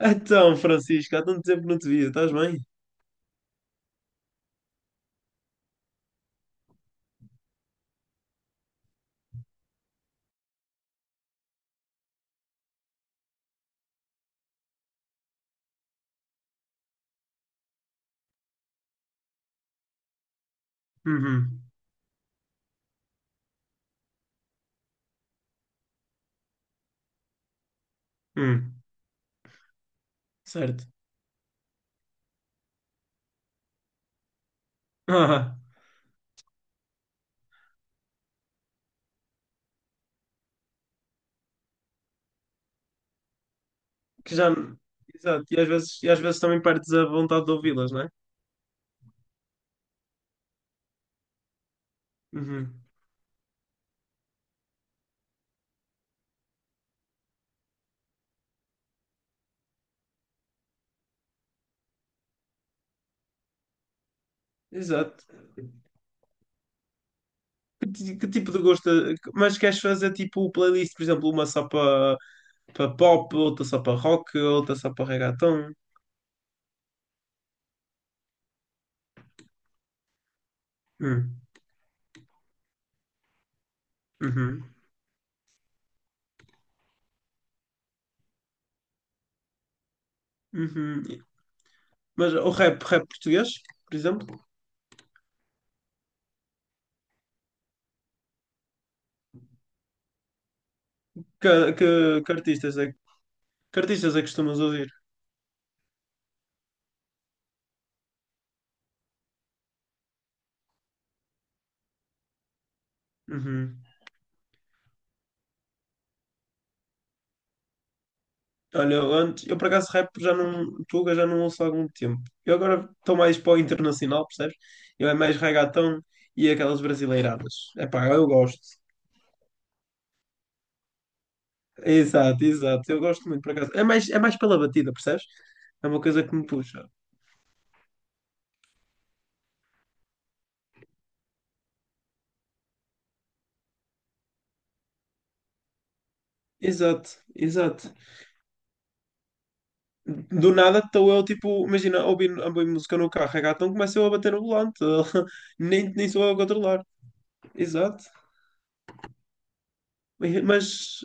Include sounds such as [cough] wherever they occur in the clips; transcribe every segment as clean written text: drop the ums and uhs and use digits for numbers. Então, Francisco, há tanto tempo que não te via, estás bem? Uhum. Hum. Certo. Ah, que já. Exato. E às vezes, também perdes a vontade de ouvi-las, não é? Uhum. Exato. Que tipo de gosto? Mas queres fazer tipo playlist, por exemplo, uma só para pop, outra só para rock, outra só para reggaeton? Hum. Uhum. Uhum. Mas o rap, rap português, por exemplo? Que, que artistas é, que artistas é que costumas ouvir? Uhum. Olha, eu antes, eu por acaso rap já não, Tuga já não ouço há algum tempo. Eu agora estou mais para o internacional, percebes? Eu é mais reggaeton e aquelas brasileiradas. É pá, eu gosto. Exato, exato. Eu gosto muito, por acaso. É mais pela batida, percebes? É uma coisa que me puxa. Exato, exato. Do nada estou eu, tipo, imagina, a ouvir música no carro, reggaeton, começo eu a bater no volante. [laughs] Nem sou eu a controlar. Exato. Mas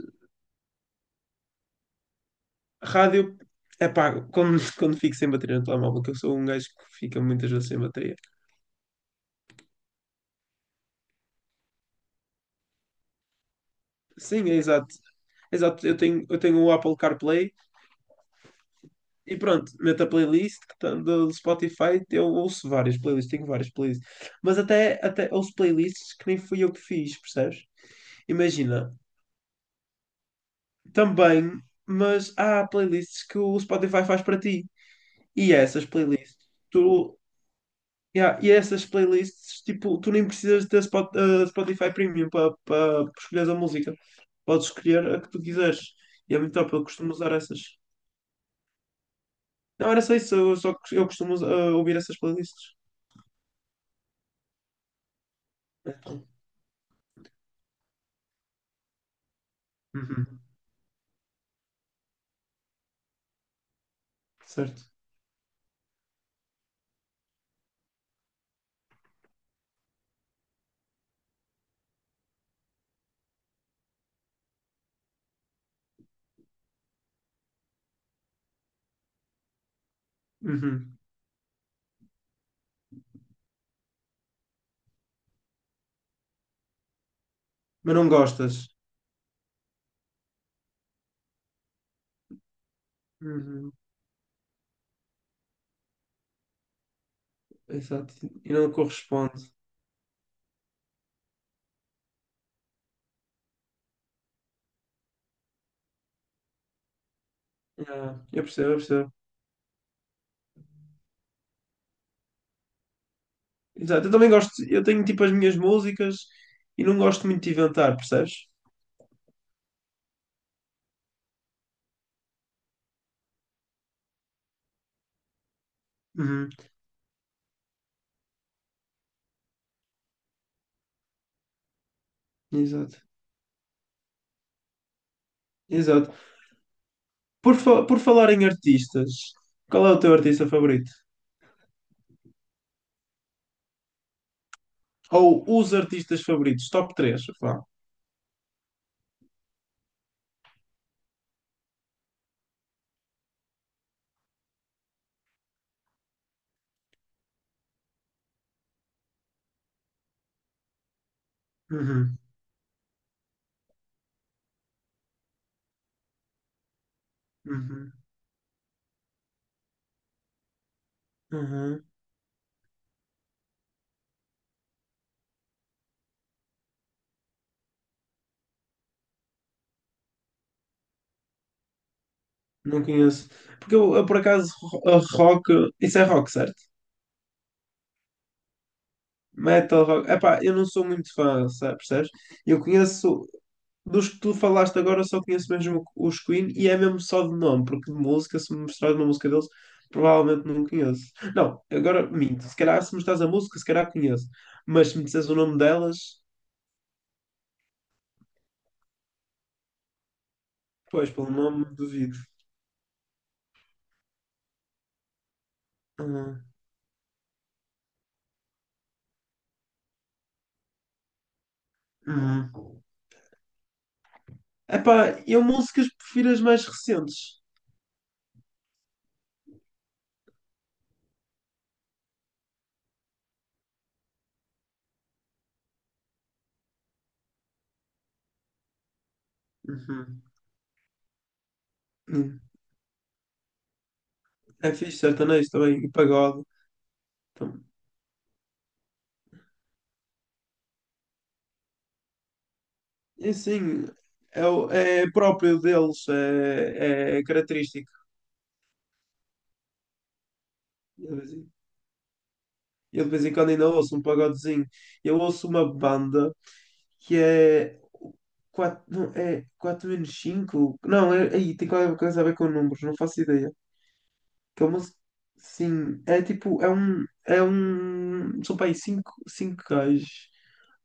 rádio, é pá, quando, [laughs] quando fico sem bateria no telemóvel, que eu sou um gajo que fica muitas vezes sem bateria. Sim, é exato. É exato, eu tenho o Apple CarPlay e pronto, meto a playlist que tá do Spotify, eu ouço várias playlists, tenho várias playlists. Mas até ouço playlists que nem fui eu que fiz, percebes? Imagina, também, mas há playlists que o Spotify faz para ti. E essas playlists, tu yeah, e é essas playlists, tipo, tu nem precisas ter Spotify Premium para escolher a música. Podes escolher a que tu quiseres. E é muito top, eu costumo usar essas. Não, era só isso, eu costumo ouvir essas playlists. Então, uhum, certo. Uhum. Mas não gostas. Uhum, exato. E não corresponde. Yeah, eu percebo. Exato, eu também gosto, eu tenho tipo as minhas músicas e não gosto muito de inventar, percebes? Uhum, exato. Exato. Por, por falar em artistas, qual é o teu artista favorito? Ou os artistas favoritos, top três vá. Uhum, uhum, uhum. Não conheço. Porque eu por acaso, ro- a rock. Isso é rock, certo? Metal rock. Epá, eu não sou muito fã, sabe, percebes? Eu conheço, dos que tu falaste agora, eu só conheço mesmo os Queen e é mesmo só de nome, porque de música, se me mostrares uma música deles, provavelmente não conheço. Não, agora minto. Se calhar, se me mostrares a música, se calhar conheço. Mas se me disseres o nome delas, pois, pelo nome, duvido. Uhum. Uhum. Epá, eu músicas prefiro as mais recentes. Uhum. Hum. É fixe sertanejo também, e pagode. Então, e assim, é, é próprio deles, é, é característico. Eu de vez em eu de vez em quando ainda ouço um pagodezinho. Eu ouço uma banda que é 4 não, é 4 menos cinco. Não, é, aí tem qualquer coisa a ver com números, não faço ideia. Que é uma, sim, é tipo, são para aí 5 5 gajos.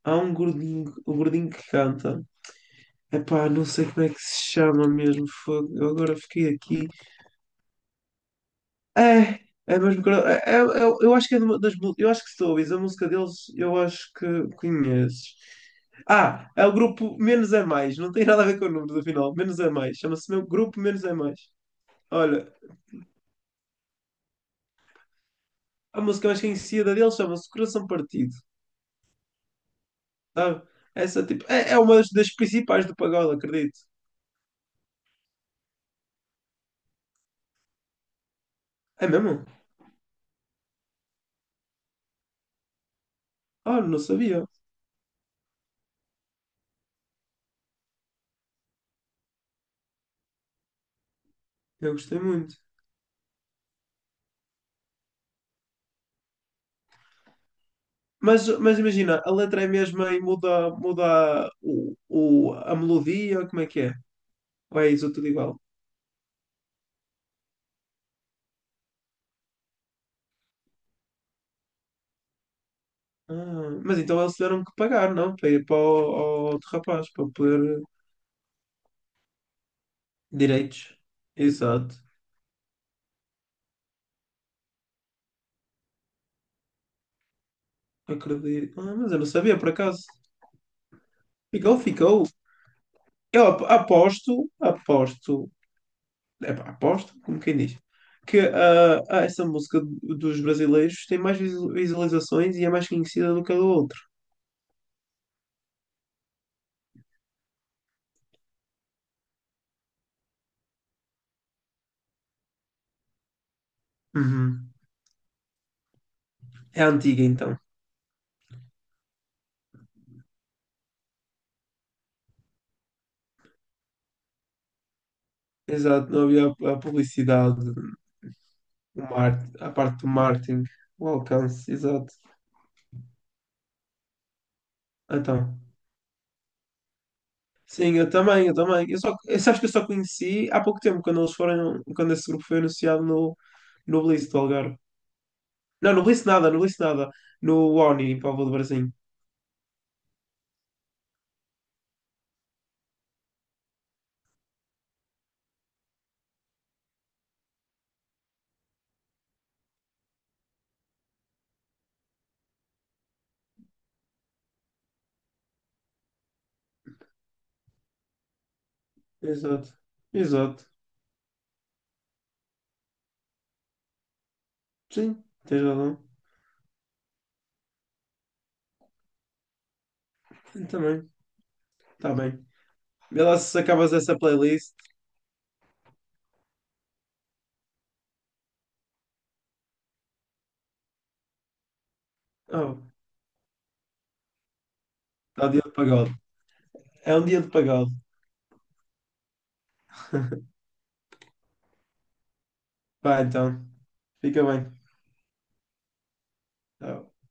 Há um gordinho que canta. Epá, não sei como é que se chama mesmo, fogo. Eu agora fiquei aqui. É, é mesmo. Eu acho que é de uma das. Eu acho que se a música deles, eu acho que conheces. Ah, é o grupo Menos é Mais. Não tem nada a ver com números, afinal. Menos é Mais. Chama-se mesmo Grupo Menos é Mais. Olha, a música mais conhecida deles chama-se Coração Partido. Sabe? Essa tipo. É, é uma das principais do pagode, acredito. É mesmo? Ah, não sabia. Eu gostei muito. Mas imagina, a letra é mesmo e muda, muda a melodia, como é que é? Ou é isso tudo igual? Ah, mas então eles tiveram que pagar, não? Para ir para o, outro rapaz, para poder. Direitos. Exato. Acredito. Ah, mas eu não sabia, por acaso. Ficou, ficou. Aposto. Epá, aposto, como quem diz. Essa música dos brasileiros tem mais visualizações e é mais conhecida do que a do outro. Uhum. É antiga, então. Exato, não havia a publicidade. A parte do marketing, o alcance, exato. Então, sim, eu também. Sabes que eu só conheci há pouco tempo, quando esse grupo foi anunciado no, no Blitz do Algarve. Não, no Blitz nada, no Blitz nada. No Oni, em Póvoa do Varzim. Exato, exato. Sim, tens razão. Eu também, tá bem. Vê lá se acabas essa playlist. Oh, está dia de pagode. É um dia de pagode. [laughs] Vai então, fica bem. Tchau.